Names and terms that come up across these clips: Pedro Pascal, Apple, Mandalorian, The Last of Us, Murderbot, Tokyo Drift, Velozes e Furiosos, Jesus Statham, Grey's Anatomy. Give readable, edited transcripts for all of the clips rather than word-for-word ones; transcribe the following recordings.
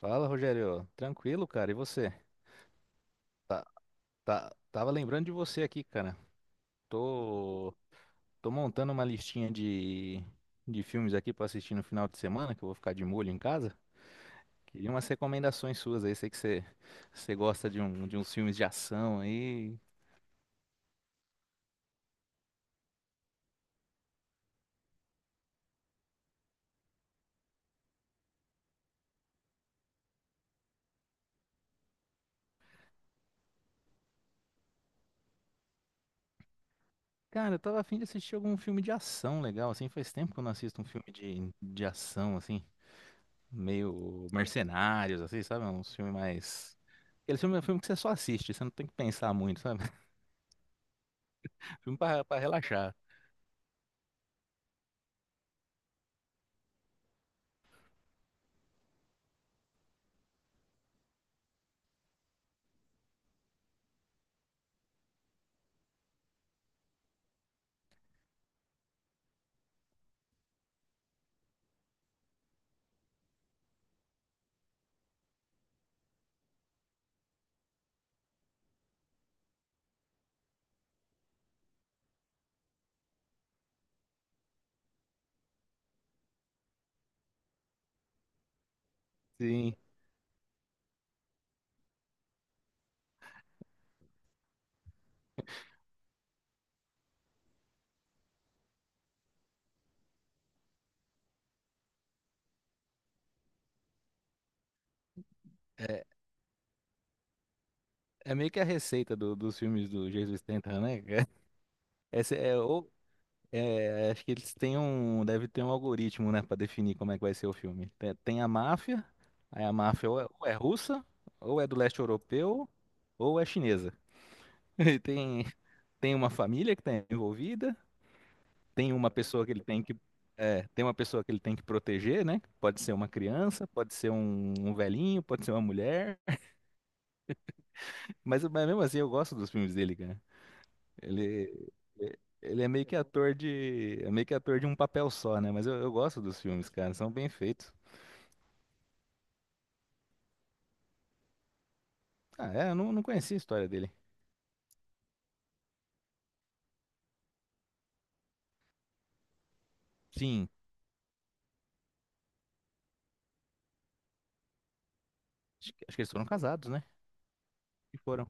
Fala, Rogério. Tranquilo, cara. E você? Tá, tava lembrando de você aqui, cara. Tô, tô montando uma listinha de filmes aqui pra assistir no final de semana, que eu vou ficar de molho em casa. Queria umas recomendações suas aí. Sei que você gosta de uns filmes de ação aí. Cara, eu tava afim de assistir algum filme de ação legal, assim. Faz tempo que eu não assisto um filme de ação, assim. Meio mercenários, assim, sabe? Um filme mais. Aquele filme é um filme que você só assiste, você não tem que pensar muito, sabe? Filme pra relaxar. Sim. É, é meio que a receita dos filmes do Jesus Statham, né? Esse é, o- é, Acho que eles têm um, deve ter um algoritmo, né, pra definir como é que vai ser o filme. Tem a máfia, aí a máfia ou é russa, ou é do leste europeu, ou é chinesa. E tem uma família que está envolvida, tem uma pessoa que ele tem que tem uma pessoa que ele tem que proteger, né? Pode ser uma criança, pode ser um velhinho, pode ser uma mulher. Mas mesmo assim, eu gosto dos filmes dele. Ele, ele é meio que ator de um papel só, né? Mas eu gosto dos filmes, cara, são bem feitos. Ah, é, eu não conhecia a história dele. Sim, acho que eles foram casados, né? E foram.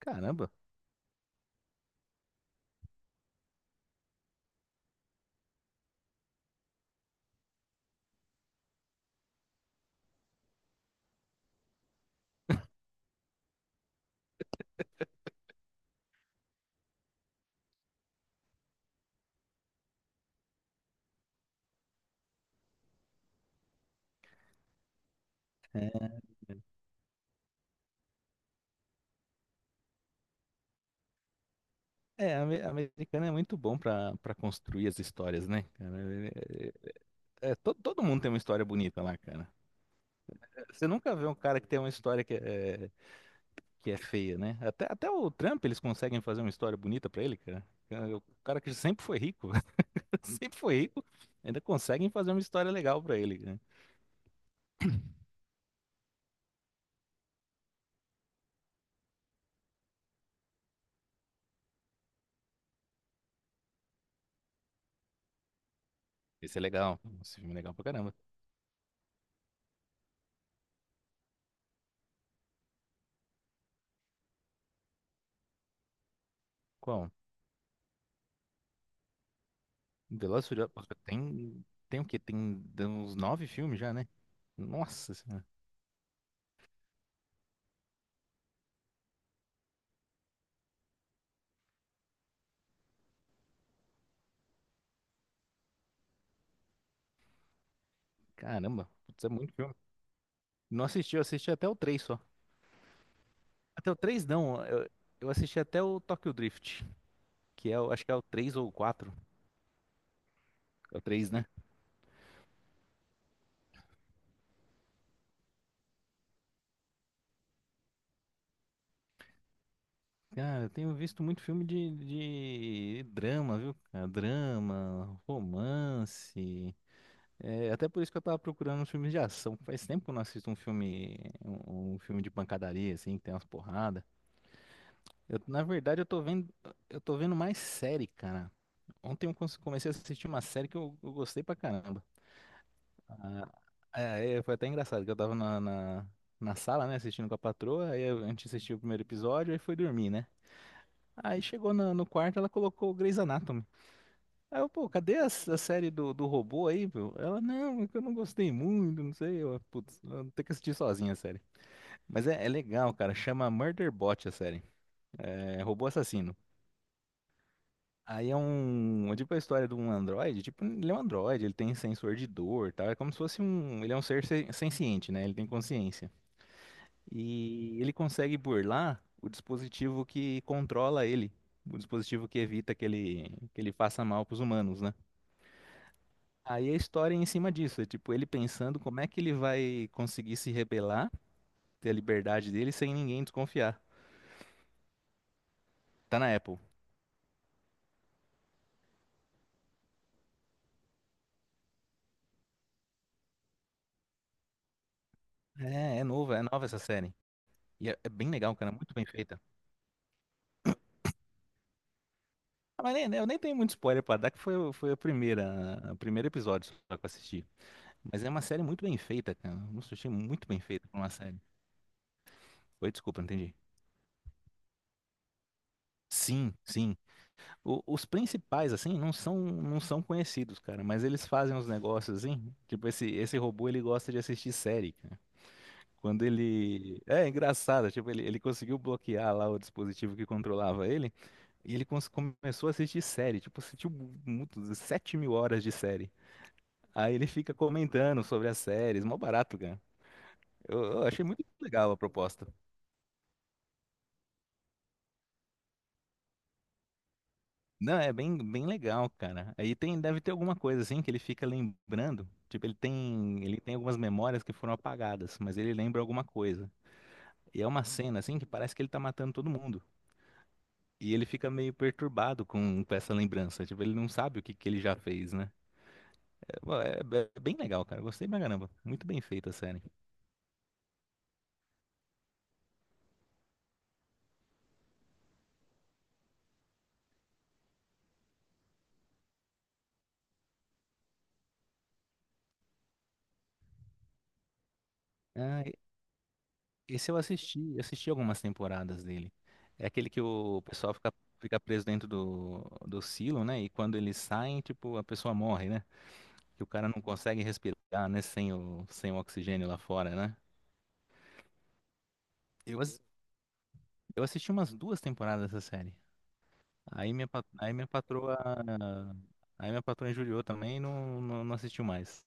Caramba. É, é, americano é muito bom pra construir as histórias, né, cara? É, é, é, todo mundo tem uma história bonita lá, cara. Você nunca vê um cara que tem uma história que é feia, né? Até o Trump eles conseguem fazer uma história bonita pra ele, cara. É, o cara que sempre foi rico, sempre foi rico. Ainda conseguem fazer uma história legal pra ele, né? Esse é legal. Esse filme é legal pra caramba. Qual? Velozes e Furiosos. Pô, tem o quê? Tem uns nove filmes já, né? Nossa senhora. Caramba. Putz, é muito filme. Não assisti, eu assisti até o 3 só. Até o 3 não. Eu assisti até o Tokyo Drift, acho que é o três ou o 4. É o três, né? Cara, eu tenho visto muito filme de drama, viu? Cara? Drama, romance. É, até por isso que eu tava procurando uns filmes de ação. Faz tempo que eu não assisto um filme de pancadaria, assim, que tem umas porradas. Eu, na verdade, eu tô vendo mais série, cara. Ontem eu comecei a assistir uma série que eu gostei pra caramba. Ah, é, foi até engraçado, que eu tava na sala, né, assistindo com a patroa, aí a gente assistiu o primeiro episódio, aí foi dormir, né? Aí chegou no quarto, ela colocou o Grey's Anatomy. Aí eu, pô, cadê a série do robô aí, meu? Ela, não, é que eu não gostei muito, não sei. Eu, putz, eu vou ter que assistir sozinha a série. Mas é legal, cara. Chama Murderbot a série. É, robô assassino. Aí é um. É tipo a história de um androide. Tipo, ele é um androide, ele tem sensor de dor e tal. É como se fosse um. Ele é um ser senciente, né? Ele tem consciência. E ele consegue burlar o dispositivo que controla ele. O dispositivo que evita que ele faça mal pros humanos, né? Aí a história é em cima disso, é tipo ele pensando como é que ele vai conseguir se rebelar, ter a liberdade dele sem ninguém desconfiar. Tá na Apple. É, é nova essa série. E é bem legal, cara, muito bem feita. Ah, mas nem, né, eu nem tenho muito spoiler pra dar, que foi a primeira, o primeiro episódio só que eu assisti. Mas é uma série muito bem feita, cara. Nossa, eu achei muito bem feita pra uma série. Oi, desculpa, não entendi. Sim, sim. Os principais, assim, não são conhecidos, cara, mas eles fazem uns negócios, assim. Tipo, esse robô, ele gosta de assistir série. Quando ele. É engraçado, tipo, ele conseguiu bloquear lá o dispositivo que controlava ele, e ele começou a assistir série, tipo, assistiu muito, 7 mil horas de série. Aí ele fica comentando sobre as séries, mó barato, cara. Eu achei muito legal a proposta. Não, é bem legal, cara. Aí tem, deve ter alguma coisa assim que ele fica lembrando. Tipo, ele tem algumas memórias que foram apagadas, mas ele lembra alguma coisa. E é uma cena assim que parece que ele tá matando todo mundo. E ele fica meio perturbado com essa lembrança. Tipo, ele não sabe o que, que ele já fez, né? É, bom, é bem legal, cara. Eu gostei pra caramba. Muito bem feita a série. Ah, esse eu assisti. Eu assisti algumas temporadas dele. É aquele que o pessoal fica preso dentro do silo, né? E quando eles saem, tipo, a pessoa morre, né? Que o cara não consegue respirar, né? Sem o oxigênio lá fora, né? Eu, as- eu assisti umas duas temporadas dessa série. Aí minha, pa- aí minha patroa, aí minha patroa injuriou também e não assistiu mais.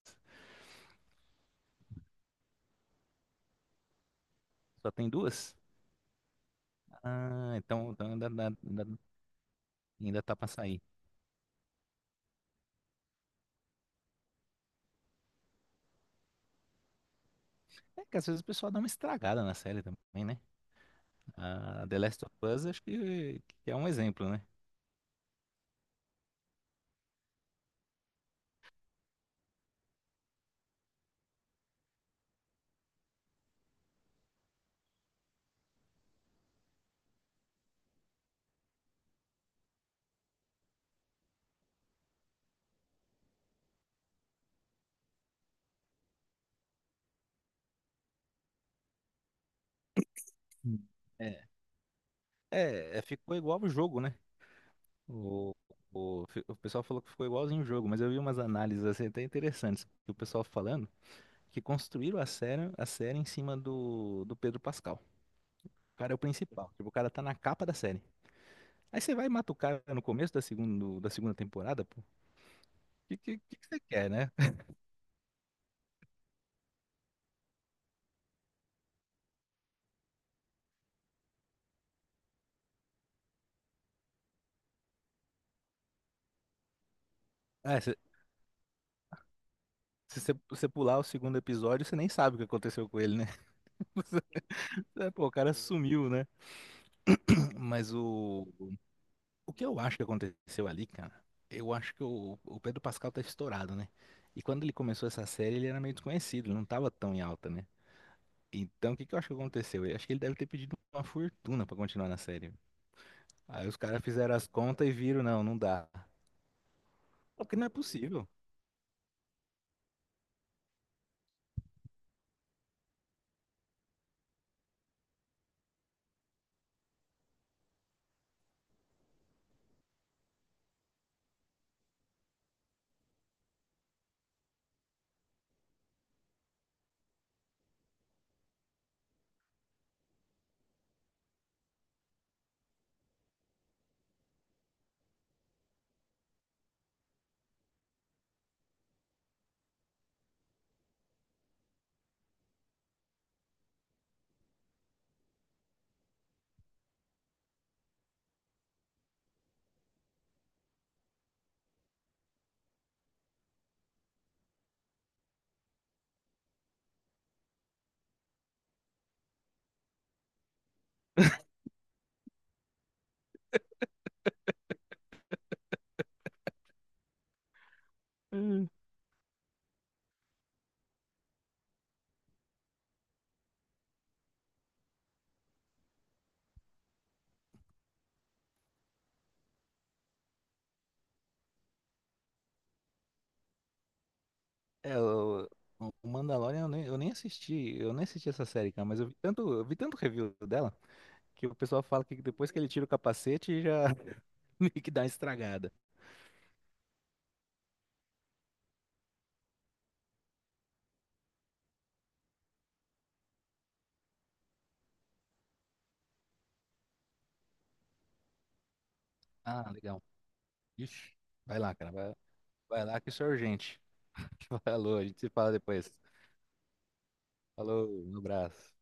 Só tem duas? Ah, então ainda tá pra sair. É que às vezes o pessoal dá uma estragada na série também, né? A The Last of Us, acho que é um exemplo, né? Sim. É, é, é, ficou igual o jogo, né? O, o pessoal falou que ficou igualzinho o jogo, mas eu vi umas análises assim, até interessantes, que o pessoal falando que construíram a série, em cima do Pedro Pascal. O cara é o principal. Tipo, o cara tá na capa da série. Aí você vai e mata o cara no começo da segunda temporada, pô. Que que você quer, né? Ah, se você pular o segundo episódio, você nem sabe o que aconteceu com ele, né? Pô, o cara sumiu, né? Mas o que eu acho que aconteceu ali, cara, eu acho que o Pedro Pascal tá estourado, né? E quando ele começou essa série, ele era meio desconhecido, ele não tava tão em alta, né? Então, o que que eu acho que aconteceu? Eu acho que ele deve ter pedido uma fortuna pra continuar na série. Aí os caras fizeram as contas e viram, não, não dá. Porque não é possível. É, o Mandalorian eu nem assisti essa série, cara, mas eu vi tanto review dela que o pessoal fala que depois que ele tira o capacete já meio que dá uma estragada. Ah, legal. Ixi. Vai lá, cara, vai lá que isso é urgente. Falou, a gente se fala depois. Falou, um abraço.